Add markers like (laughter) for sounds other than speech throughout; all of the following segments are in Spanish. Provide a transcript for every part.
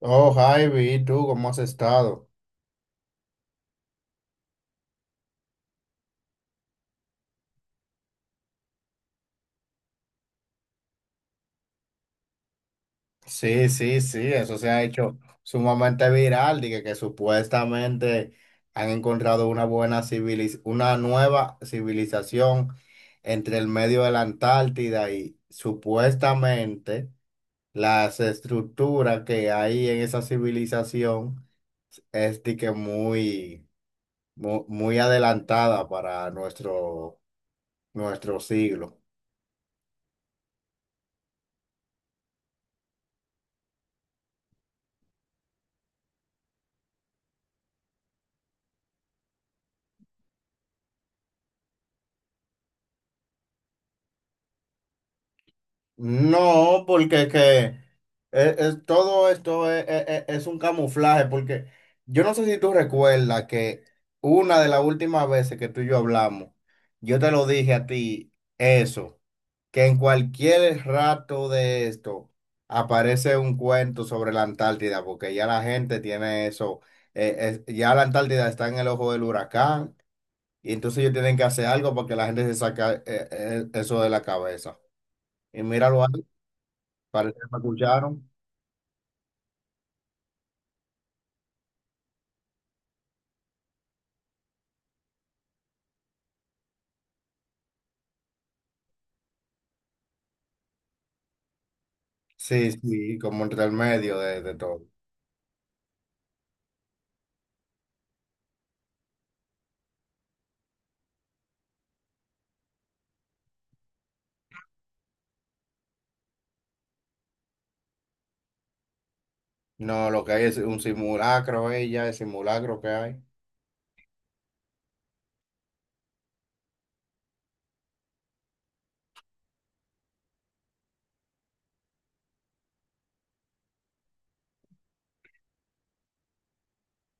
Oh, Javi, ¿tú cómo has estado? Sí, sí, sí, eso se ha hecho sumamente viral, dije que supuestamente han encontrado una nueva civilización entre el medio de la Antártida, y supuestamente las estructuras que hay en esa civilización es de que muy adelantada para nuestro siglo. No, porque es que todo esto es un camuflaje, porque yo no sé si tú recuerdas que una de las últimas veces que tú y yo hablamos, yo te lo dije a ti, eso, que en cualquier rato de esto aparece un cuento sobre la Antártida, porque ya la gente tiene eso, eh, ya la Antártida está en el ojo del huracán, y entonces ellos tienen que hacer algo para que la gente se saque eso de la cabeza. Y míralo ahí. Parece que me escucharon. Sí, sí, como entre el medio de todo. No, lo que hay es un simulacro, ella, el simulacro que hay.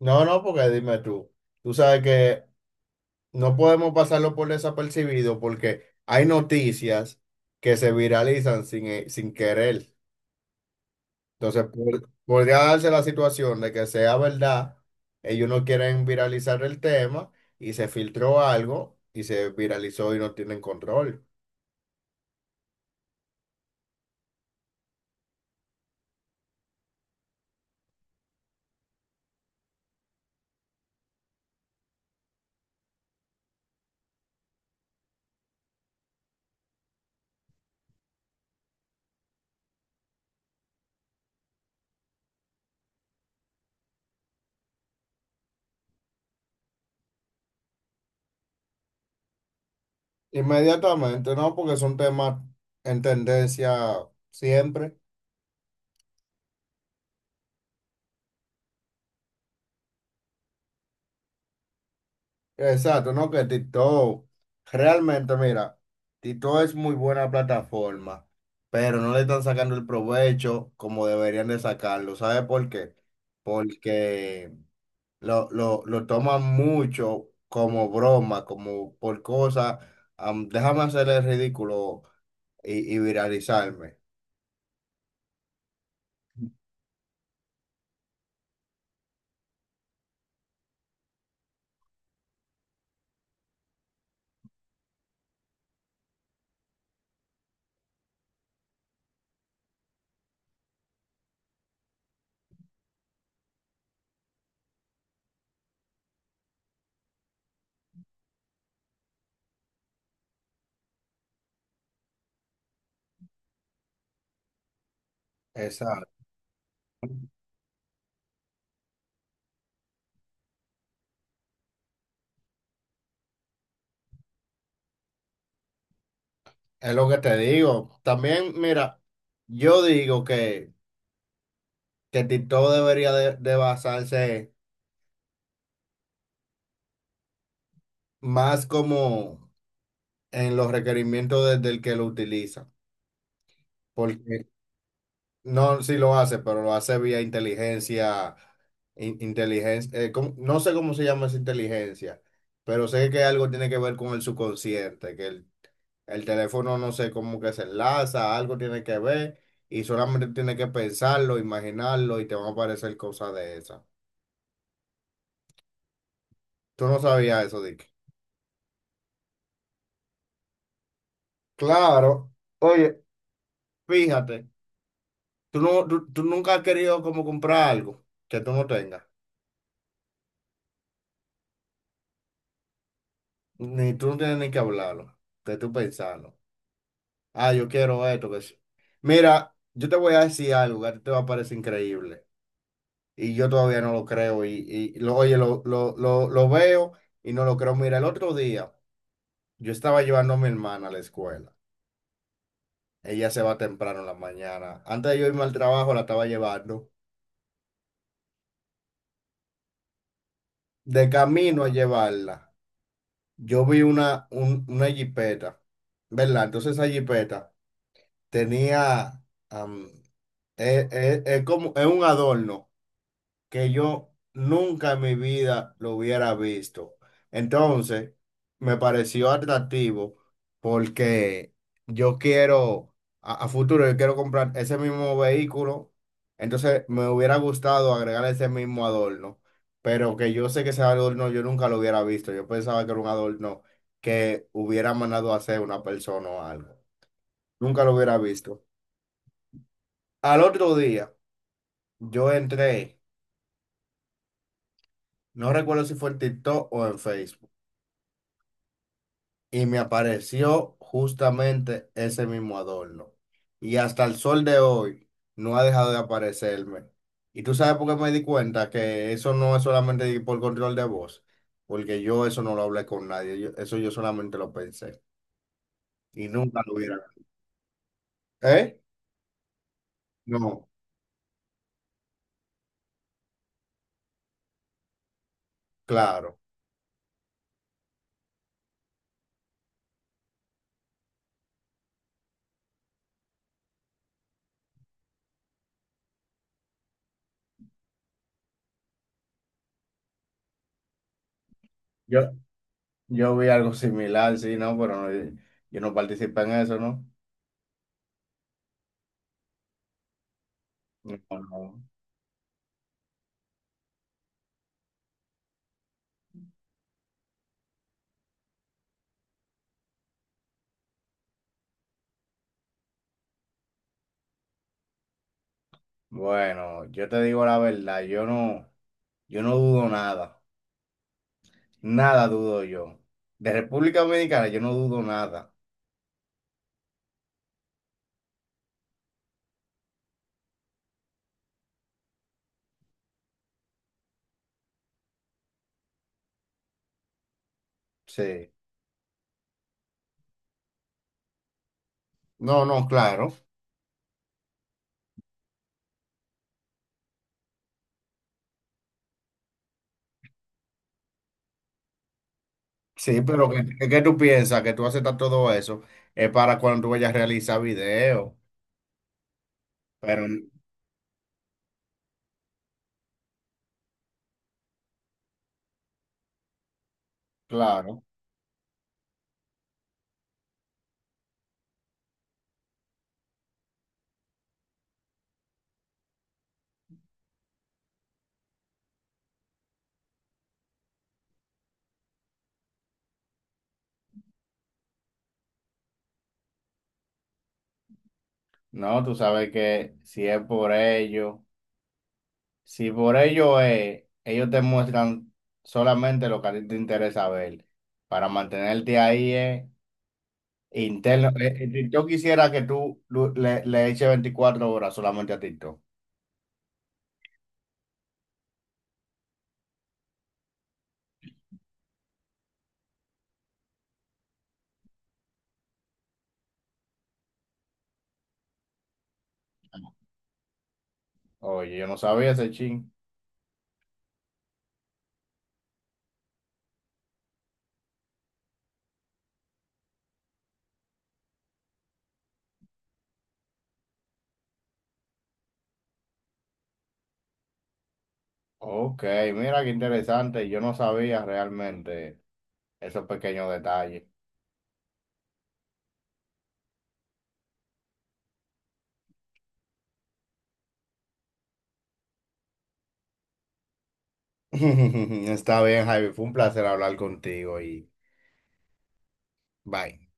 No, no, porque dime tú, tú sabes que no podemos pasarlo por desapercibido porque hay noticias que se viralizan sin querer. Entonces, podría darse la situación de que sea verdad, ellos no quieren viralizar el tema y se filtró algo y se viralizó y no tienen control. Inmediatamente, ¿no? Porque son temas en tendencia siempre. Exacto, ¿no? Que TikTok, realmente, mira, TikTok es muy buena plataforma, pero no le están sacando el provecho como deberían de sacarlo. ¿Sabe por qué? Porque lo toman mucho como broma, como por cosas, déjame hacer el ridículo y viralizarme. Exacto. Es lo que te digo. También, mira, yo digo que TikTok debería de basarse más como en los requerimientos del que lo utiliza. Porque no, si lo hace, pero lo hace vía inteligencia, inteligencia, ¿cómo? No sé cómo se llama esa inteligencia, pero sé que algo tiene que ver con el subconsciente, que el teléfono no sé cómo que se enlaza, algo tiene que ver, y solamente tiene que pensarlo, imaginarlo, y te van a aparecer cosas de esas. Tú no sabías eso, Dick. Claro. Oye, fíjate, tú, no, tú nunca has querido como comprar algo que tú no tengas. Ni tú no tienes ni que hablarlo, que tú pensarlo. Ah, yo quiero esto, que sí. Mira, yo te voy a decir algo que a ti te va a parecer increíble. Y yo todavía no lo creo. Y lo, oye, lo veo y no lo creo. Mira, el otro día yo estaba llevando a mi hermana a la escuela. Ella se va temprano en la mañana. Antes de yo irme al trabajo, la estaba llevando. De camino a llevarla. Yo vi una jipeta, ¿verdad? Entonces esa jipeta tenía, am, es como, es un adorno que yo nunca en mi vida lo hubiera visto. Entonces, me pareció atractivo porque yo quiero, a futuro, yo quiero comprar ese mismo vehículo. Entonces, me hubiera gustado agregar ese mismo adorno, pero que yo sé que ese adorno yo nunca lo hubiera visto. Yo pensaba que era un adorno que hubiera mandado a hacer una persona o algo. Nunca lo hubiera visto. Al otro día, yo entré, no recuerdo si fue en TikTok o en Facebook, y me apareció justamente ese mismo adorno. Y hasta el sol de hoy no ha dejado de aparecerme. Y tú sabes por qué me di cuenta que eso no es solamente por control de voz, porque yo eso no lo hablé con nadie, eso yo solamente lo pensé y nunca lo hubiera. ¿Eh? No, claro. Yo, yo vi algo similar, sí, no, pero no, yo no participé en eso, ¿no? No, no. Bueno, yo te digo la verdad, yo no dudo nada. Nada dudo yo. De República Dominicana yo no dudo nada. Sí. No, no, claro. Sí, pero claro, tú piensas que tú aceptas todo eso es para cuando tú vayas a realizar video. Pero claro, no, tú sabes que si es por ello, si por ello es, ellos te muestran solamente lo que a ti te interesa ver. Para mantenerte ahí es interno. Yo quisiera que tú le eches 24 horas solamente a TikTok. Oye, yo no sabía ese chin. Ok, mira qué interesante. Yo no sabía realmente esos pequeños detalles. (laughs) Está bien, Javi. Fue un placer hablar contigo y bye.